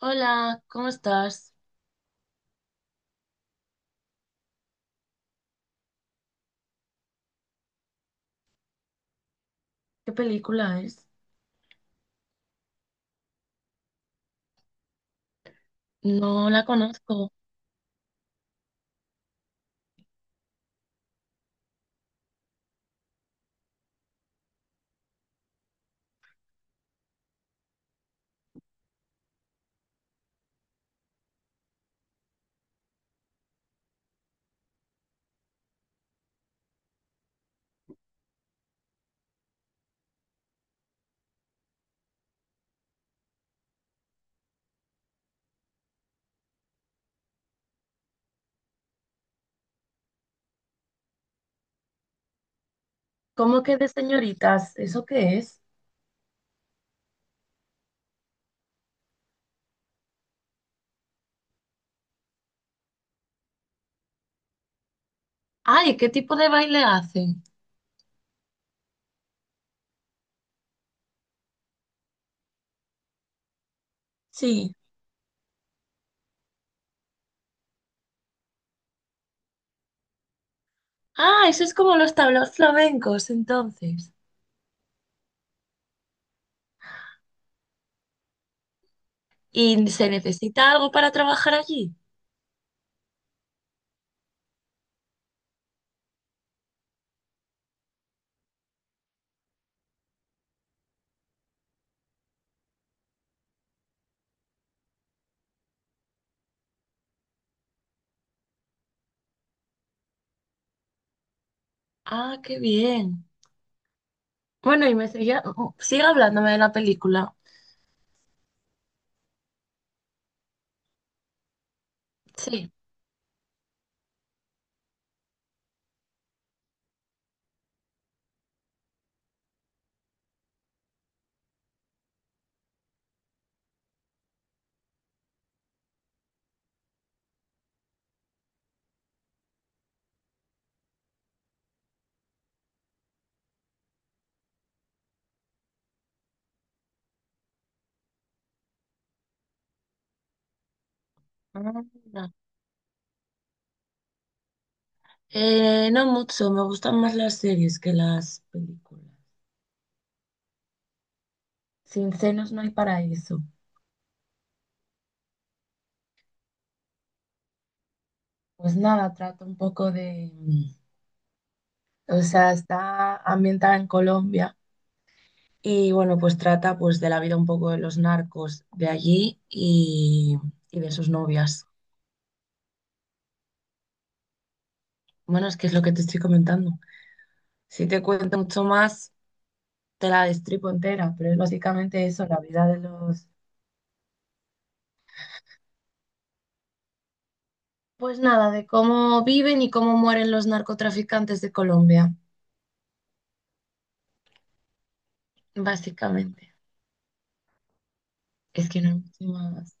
Hola, ¿cómo estás? ¿Qué película es? No la conozco. ¿Cómo que de señoritas? ¿Eso qué es? Ay, ¿qué tipo de baile hacen? Sí. Ah, eso es como los tablaos flamencos, entonces. ¿Y se necesita algo para trabajar allí? Ah, qué bien. Bueno, y me seguía, sigue hablándome de la película. Sí. Anda. No mucho, me gustan más las series que las películas. Sin senos no hay paraíso. Pues nada, trata un poco de, o sea, está ambientada en Colombia y bueno, pues trata pues de la vida un poco de los narcos de allí y de sus novias. Bueno, es que es lo que te estoy comentando. Si te cuento mucho más, te la destripo entera, pero es básicamente eso, la vida de los... Pues nada, de cómo viven y cómo mueren los narcotraficantes de Colombia, básicamente. Es que no hay mucho más.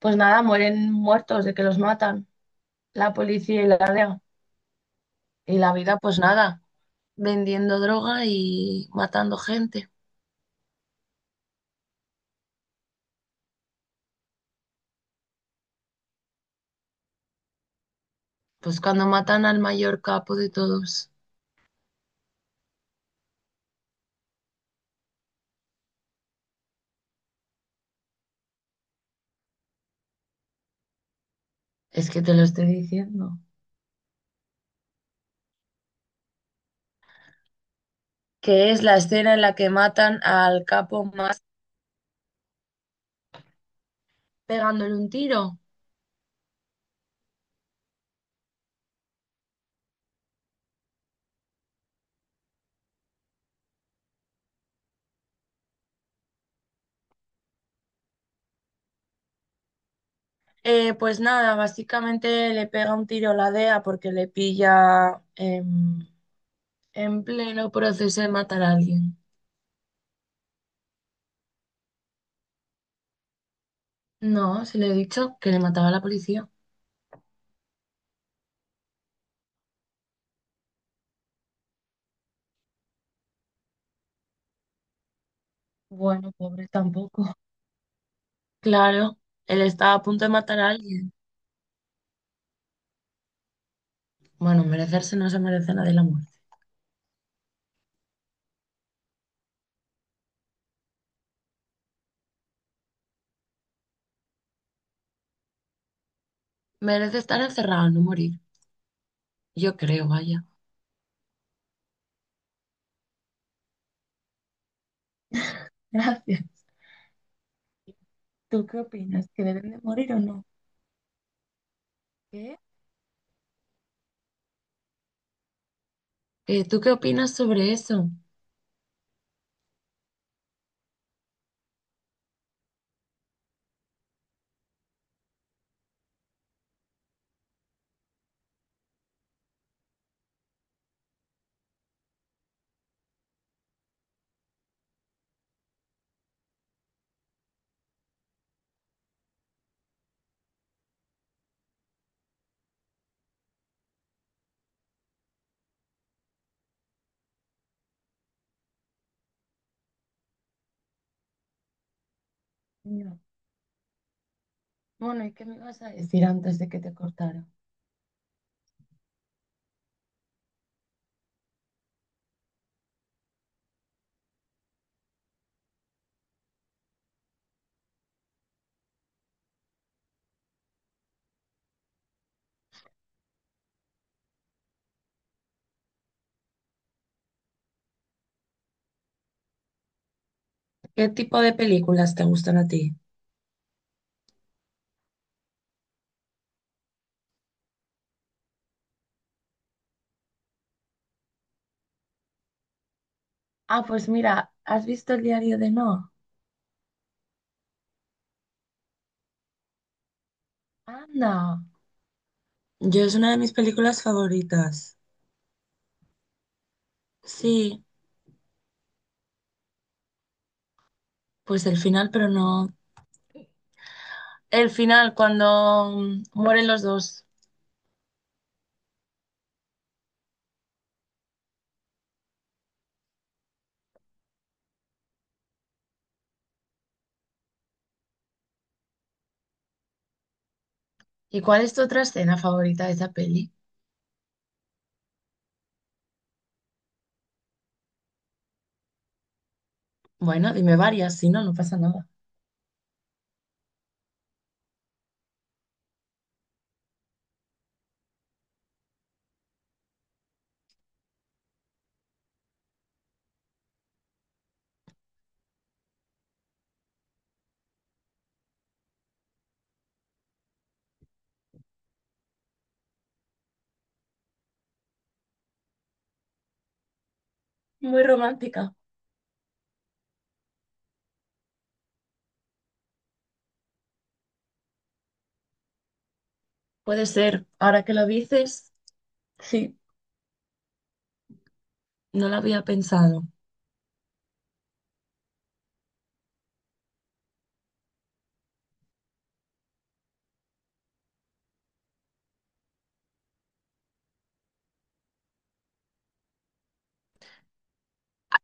Pues nada, mueren muertos de que los matan la policía y la DEA. Y la vida, pues nada, vendiendo droga y matando gente. Pues cuando matan al mayor capo de todos, es que te lo estoy diciendo. Que es la escena en la que matan al capo más pegándole un tiro. Pues nada, básicamente le pega un tiro la DEA porque le pilla en pleno proceso de matar a alguien. No, se le he dicho que le mataba a la policía. Bueno, pobre tampoco. Claro, él estaba a punto de matar a alguien. Bueno, merecerse no se merece nada de la muerte. Merece estar encerrado, no morir. Yo creo, vaya. Gracias. ¿Tú qué opinas? ¿Que deben de morir o no? ¿Qué? ¿Tú qué opinas sobre eso? No. Bueno, ¿y qué me ibas a decir antes de que te cortara? ¿Qué tipo de películas te gustan a ti? Ah, pues mira, ¿has visto el diario de Noah? Anda. Yo es una de mis películas favoritas. Sí, pues el final, pero no. El final, cuando mueren los dos. ¿Y cuál es tu otra escena favorita de esa peli? Bueno, dime varias, si no, no pasa nada. Muy romántica. Puede ser, ahora que lo dices, sí, no lo había pensado.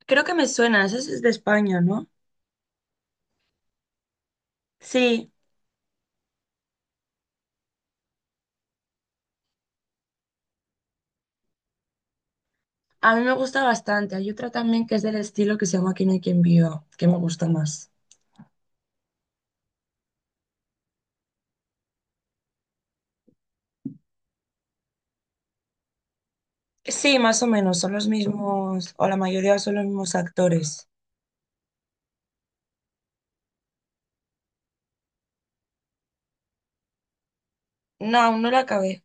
Creo que me suena, esa es de España, ¿no? Sí, a mí me gusta bastante. Hay otra también que es del estilo que se llama Aquí no hay quien viva, que me gusta más. Sí, más o menos, son los mismos, o la mayoría son los mismos actores. No, aún no la acabé.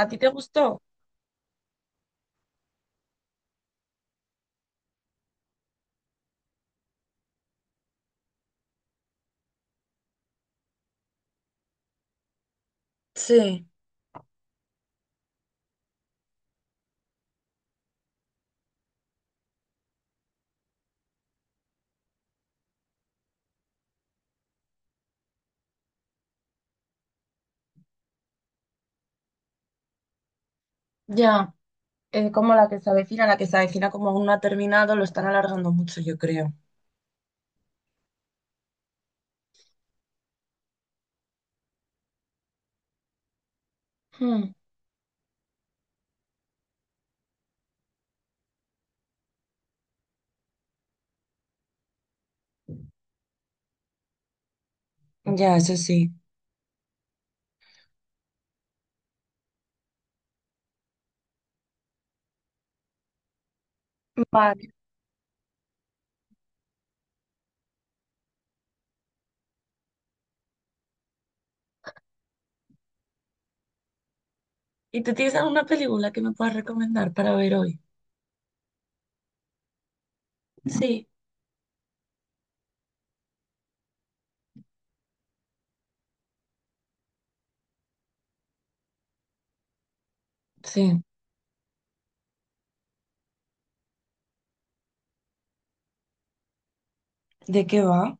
¿A ti te gustó? Sí, ya. Como la que se avecina, la que se avecina como aún no ha terminado, lo están alargando mucho, yo creo. Hmm. Ya, eso sí. Vale. ¿Y tú tienes alguna película que me puedas recomendar para ver hoy? Sí. Sí. ¿De qué va?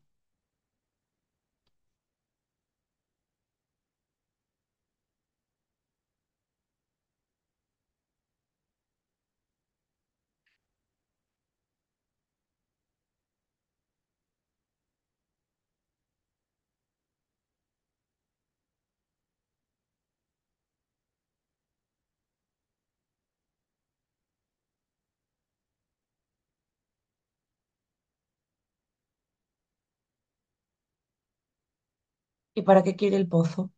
¿Y para qué quiere el pozo?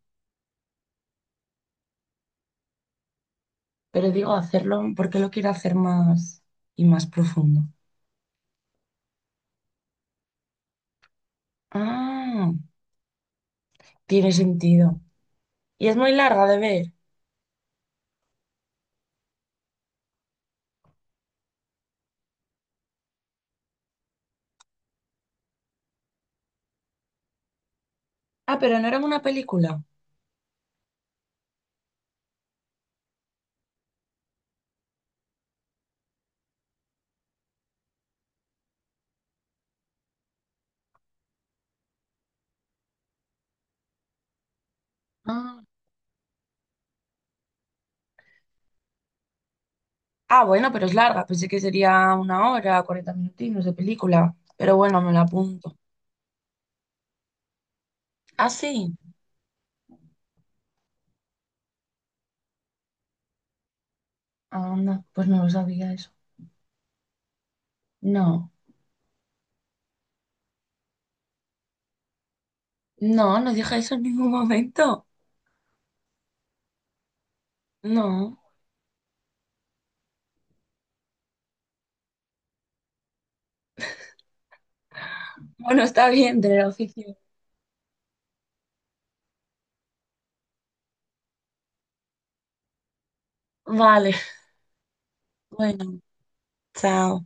Pero digo, hacerlo porque lo quiero hacer más y más profundo. Ah, tiene sentido. Y es muy larga de ver. Ah, pero no era una película. Ah. Ah, bueno, pero es larga. Pensé que sería una hora, 40 minutinos de película. Pero bueno, me la apunto. Ah, sí. Anda, pues no lo sabía eso. No. No, no dije eso en ningún momento. No. Bueno, está bien. De la oficina. Vale. Bueno, chao.